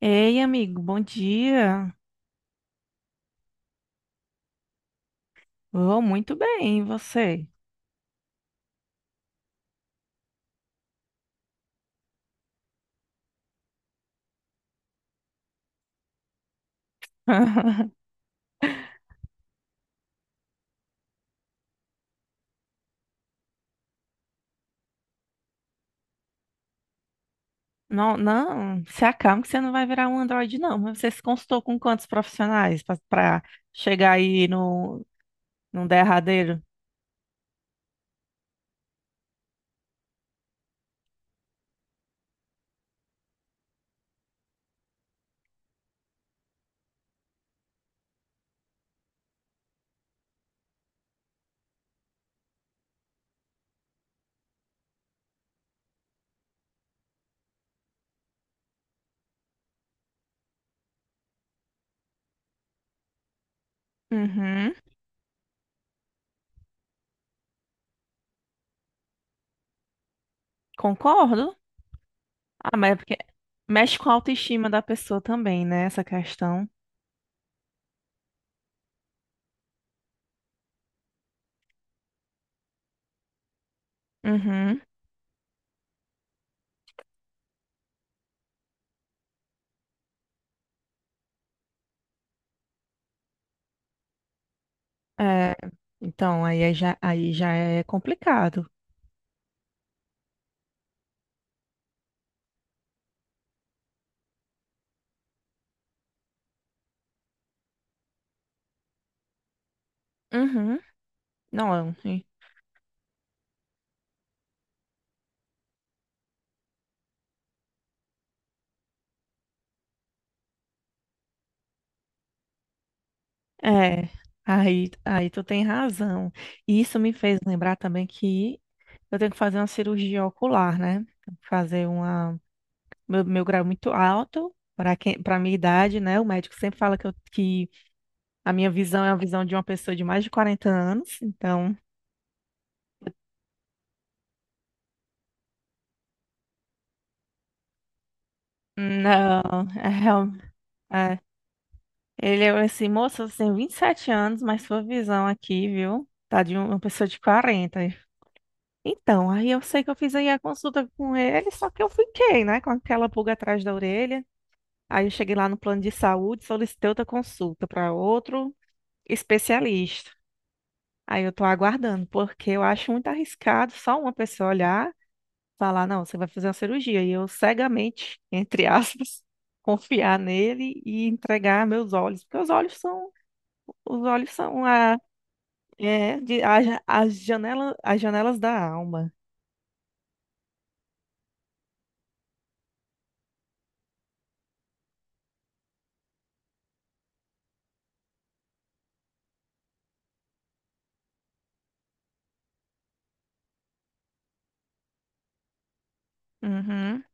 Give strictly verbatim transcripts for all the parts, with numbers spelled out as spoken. Ei, amigo, bom dia. Vou muito bem, e você? Não, não, se acalma que você não vai virar um androide, não. Mas você se consultou com quantos profissionais para chegar aí no, num derradeiro? Uhum, concordo. Ah, mas é porque mexe com a autoestima da pessoa também, né? Essa questão. Uhum, é, então, aí é já, aí já é complicado. Uhum, não, é. É, aí, aí tu tem razão. E isso me fez lembrar também que eu tenho que fazer uma cirurgia ocular, né? Tenho que fazer uma. Meu, meu grau é muito alto para quem, para minha idade, né? O médico sempre fala que, eu- que a minha visão é a visão de uma pessoa de mais de quarenta anos. Então, não, é, real- é. Ele é assim, moça, você tem vinte e sete anos, mas sua visão aqui, viu? Tá de uma pessoa de quarenta. Então, aí eu sei que eu fiz aí a consulta com ele, só que eu fiquei, né, com aquela pulga atrás da orelha. Aí eu cheguei lá no plano de saúde, solicitei outra consulta para outro especialista. Aí eu tô aguardando, porque eu acho muito arriscado só uma pessoa olhar, falar, não, você vai fazer uma cirurgia, e eu cegamente, entre aspas, confiar nele e entregar meus olhos, porque os olhos são, os olhos são a, é, de- a, ja- as janela, as janelas da alma. Uhum.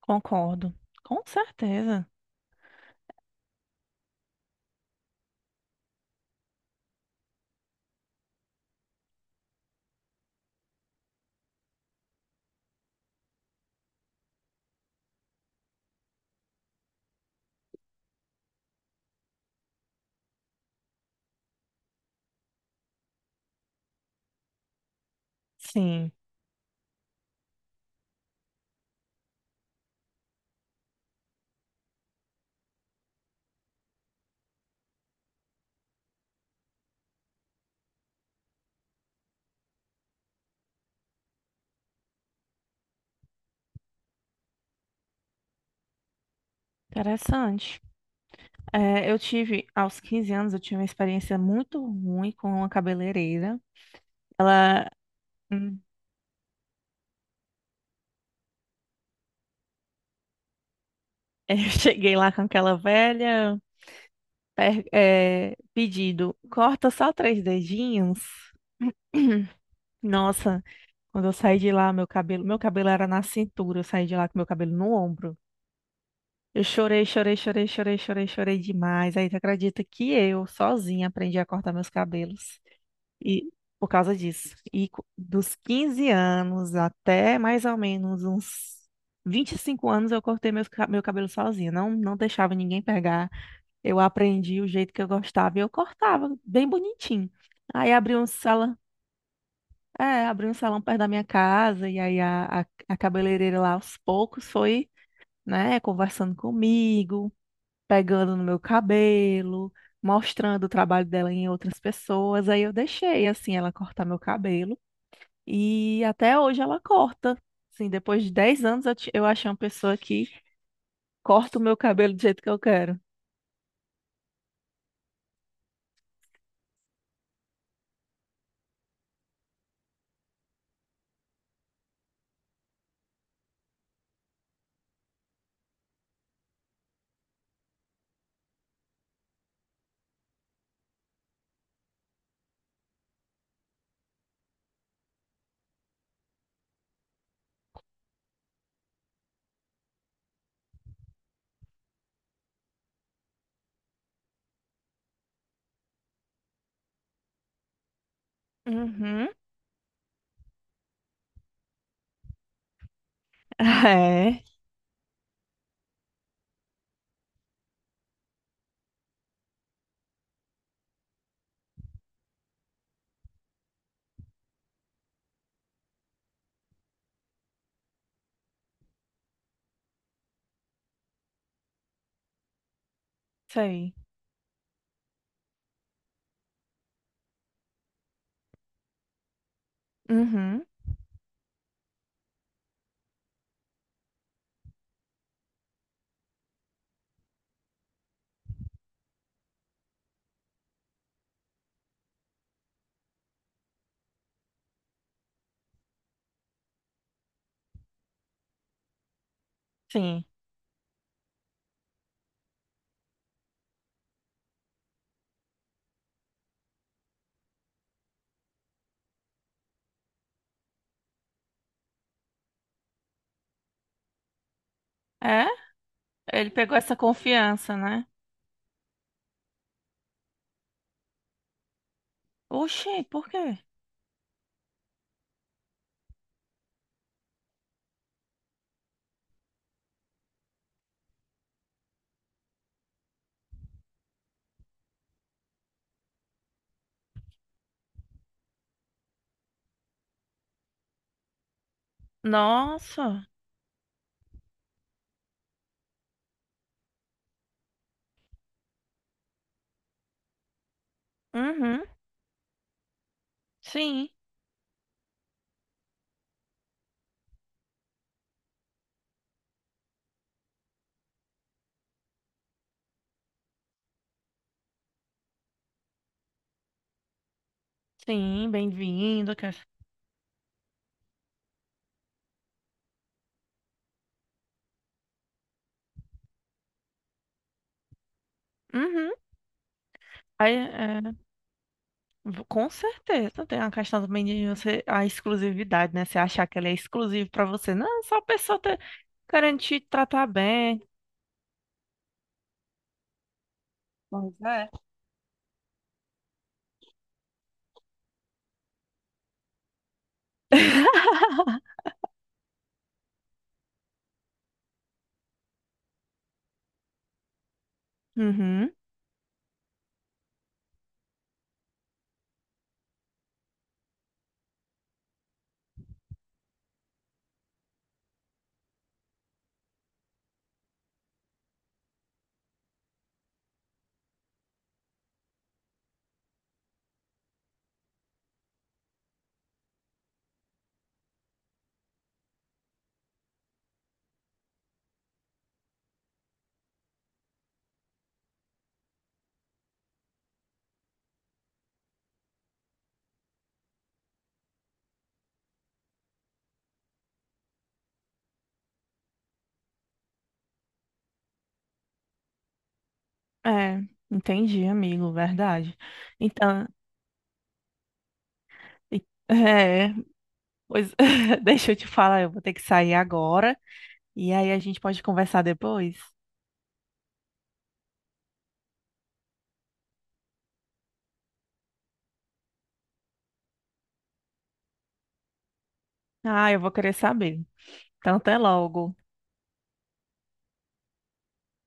Concordo. Com certeza. Sim, interessante. É, eu tive, aos quinze anos, eu tive uma experiência muito ruim com uma cabeleireira. Ela, hum, eu cheguei lá com aquela velha, per- é, pedido, corta só três dedinhos. Nossa, quando eu saí de lá, meu cabelo, meu cabelo era na cintura, eu saí de lá com meu cabelo no ombro. Eu chorei, chorei, chorei, chorei, chorei, chorei demais. Aí tu acredita que eu, sozinha, aprendi a cortar meus cabelos. E por causa disso. E co- dos quinze anos até mais ou menos uns vinte e cinco anos eu cortei meus, ca- meu cabelo sozinha. Não, não deixava ninguém pegar. Eu aprendi o jeito que eu gostava e eu cortava bem bonitinho. Aí abri um salão, é, abri um salão perto da minha casa e aí a, a, a cabeleireira lá aos poucos foi, né, conversando comigo, pegando no meu cabelo. Mostrando o trabalho dela em outras pessoas, aí eu deixei assim ela cortar meu cabelo. E até hoje ela corta. Assim, depois de dez anos eu, ti- eu achei uma pessoa que corta o meu cabelo do jeito que eu quero. Uhum. É, isso aí. Uhum. Sim. É? Ele pegou essa confiança, né? Oxi, por quê? Nossa. Uhum. Sim. Sim, bem-vindo. que- Uhum. Aí, é, v- com certeza tem uma questão também de você, a exclusividade, né? Você achar que ele é exclusivo pra você. Não, é só a pessoa ter, garantir te tratar bem. Pois é. Uhum. É, entendi, amigo, verdade. Então, e- é, pois deixa eu te falar, eu vou ter que sair agora e aí a gente pode conversar depois. Ah, eu vou querer saber. Então, até logo.